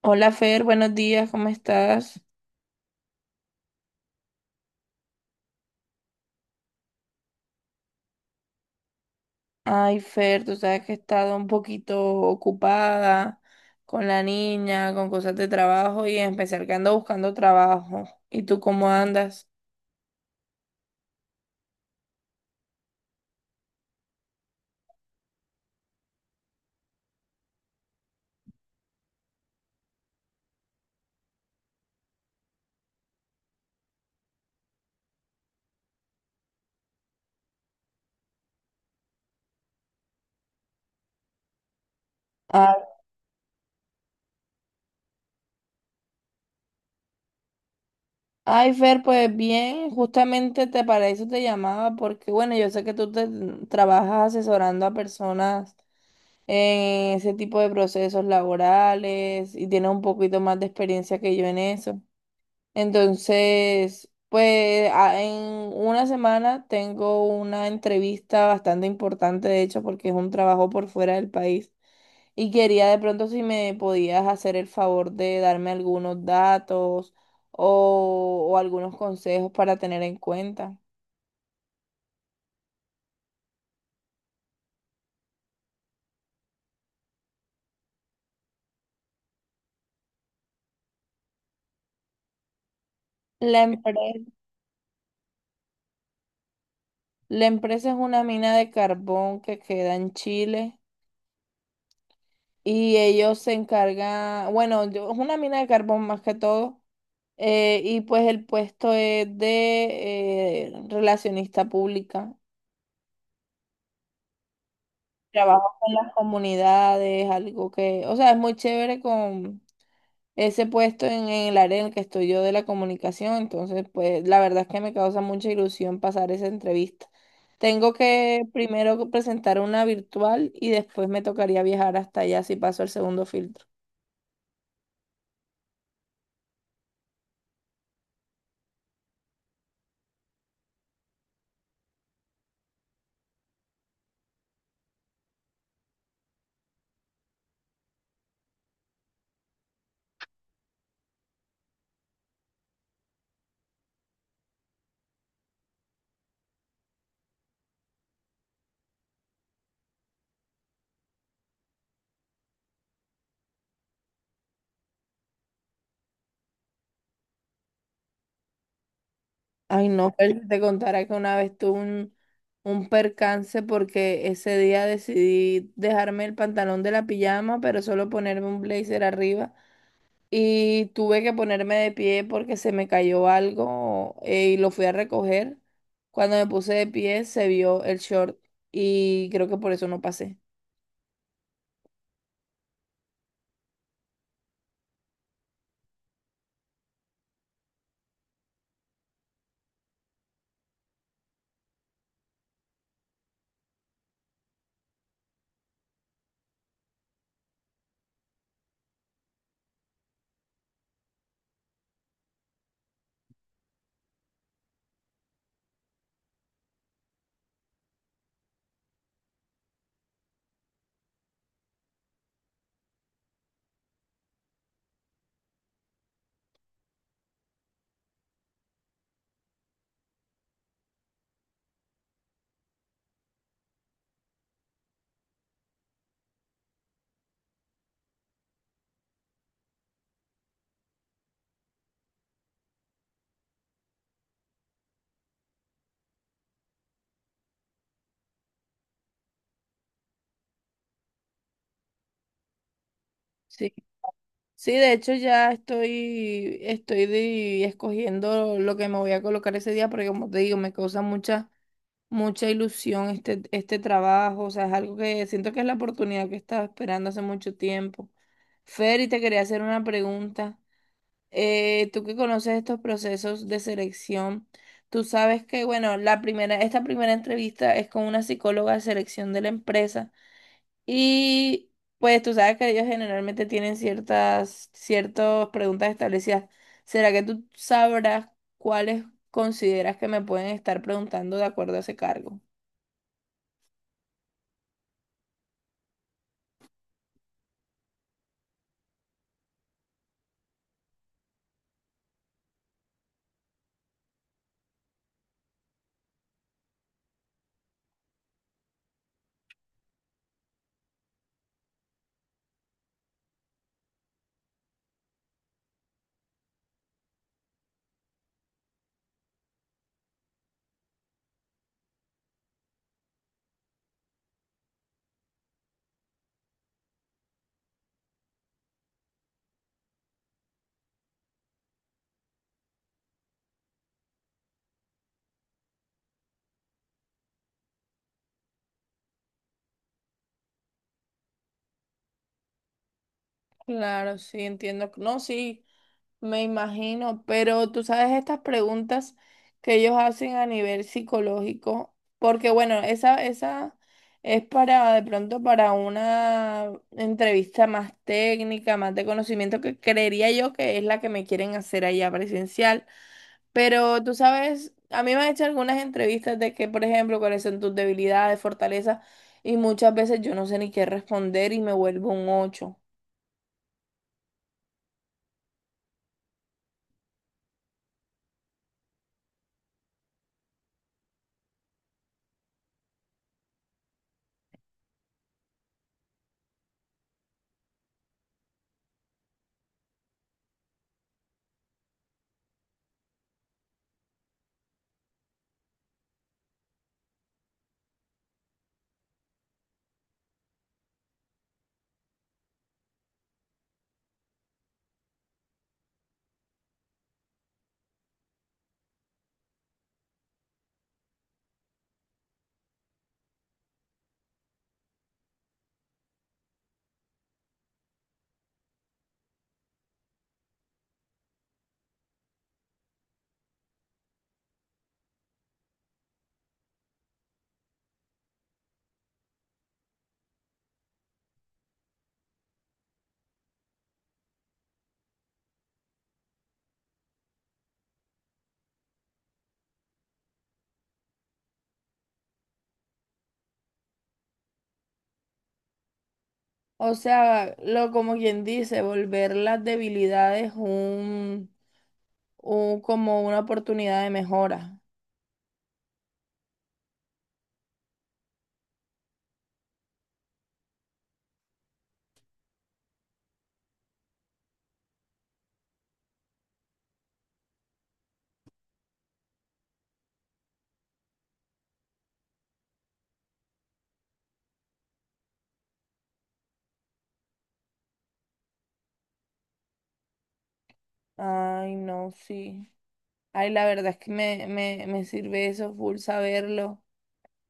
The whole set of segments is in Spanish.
Hola Fer, buenos días, ¿cómo estás? Ay Fer, tú sabes que he estado un poquito ocupada con la niña, con cosas de trabajo y en especial que ando buscando trabajo. ¿Y tú cómo andas? Ah, Ay Fer, pues bien, justamente te para eso te llamaba porque bueno, yo sé que tú te trabajas asesorando a personas en ese tipo de procesos laborales y tienes un poquito más de experiencia que yo en eso. Entonces, en una semana tengo una entrevista bastante importante, de hecho, porque es un trabajo por fuera del país. Y quería de pronto si me podías hacer el favor de darme algunos datos o algunos consejos para tener en cuenta. La empresa, la empresa es una mina de carbón que queda en Chile y ellos se encargan, bueno, es una mina de carbón más que todo. Y pues el puesto es de relacionista pública. Trabajo con las comunidades, algo que, o sea, es muy chévere con ese puesto en el área en el que estoy yo de la comunicación. Entonces, pues la verdad es que me causa mucha ilusión pasar esa entrevista. Tengo que primero presentar una virtual y después me tocaría viajar hasta allá si paso el segundo filtro. Ay, no, pero si te contara que una vez un percance porque ese día decidí dejarme el pantalón de la pijama, pero solo ponerme un blazer arriba. Y tuve que ponerme de pie porque se me cayó algo, y lo fui a recoger. Cuando me puse de pie se vio el short y creo que por eso no pasé. Sí, Sí, de hecho ya escogiendo lo que me voy a colocar ese día porque como te digo, me causa mucha ilusión este trabajo, o sea, es algo que siento que es la oportunidad que estaba esperando hace mucho tiempo. Fer, y te quería hacer una pregunta. Tú que conoces estos procesos de selección, tú sabes que, bueno, esta primera entrevista es con una psicóloga de selección de la empresa y pues tú sabes que ellos generalmente tienen ciertas preguntas establecidas. ¿Será que tú sabrás cuáles consideras que me pueden estar preguntando de acuerdo a ese cargo? Claro, sí, entiendo. No, sí, me imagino, pero tú sabes estas preguntas que ellos hacen a nivel psicológico, porque bueno, esa es para de pronto para una entrevista más técnica, más de conocimiento, que creería yo que es la que me quieren hacer allá presencial. Pero tú sabes, a mí me han hecho algunas entrevistas de que, por ejemplo, cuáles son tus debilidades, fortalezas, y muchas veces yo no sé ni qué responder y me vuelvo un ocho. O sea, lo como quien dice, volver las un como una oportunidad de mejora. Ay, no, sí. Ay, la verdad es que me sirve eso full saberlo.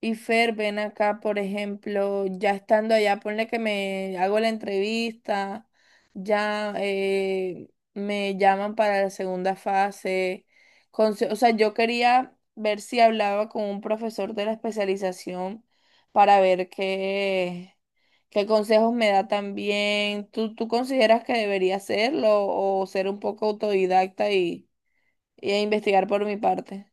Y Fer, ven acá, por ejemplo, ya estando allá, ponle que me hago la entrevista, ya me llaman para la segunda fase. O sea, yo quería ver si hablaba con un profesor de la especialización para ver qué consejos me da también. ¿Tú consideras que debería hacerlo o ser un poco autodidacta y investigar por mi parte?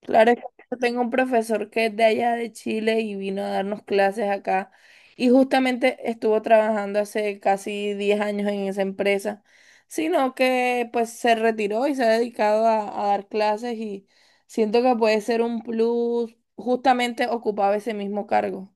Claro, es que yo tengo un profesor que es de allá de Chile y vino a darnos clases acá y justamente estuvo trabajando hace casi 10 años en esa empresa, sino que pues se retiró y se ha dedicado a dar clases y siento que puede ser un plus, justamente ocupaba ese mismo cargo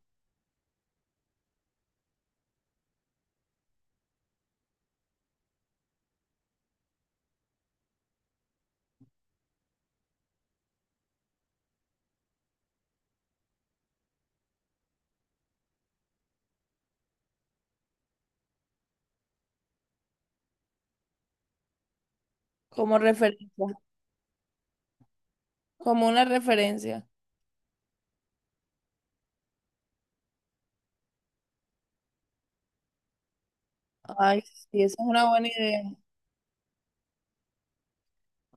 como referencia, como una referencia. Ay, sí, esa es una buena idea.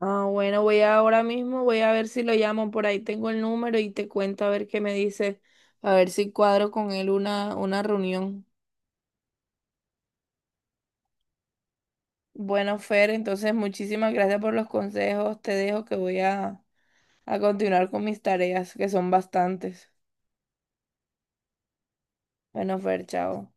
Ah, bueno, voy ahora mismo, voy a ver si lo llamo, por ahí tengo el número y te cuento a ver qué me dice, a ver si cuadro con él una reunión. Bueno, Fer, entonces muchísimas gracias por los consejos, te dejo que a continuar con mis tareas, que son bastantes. Bueno, Fer, chao.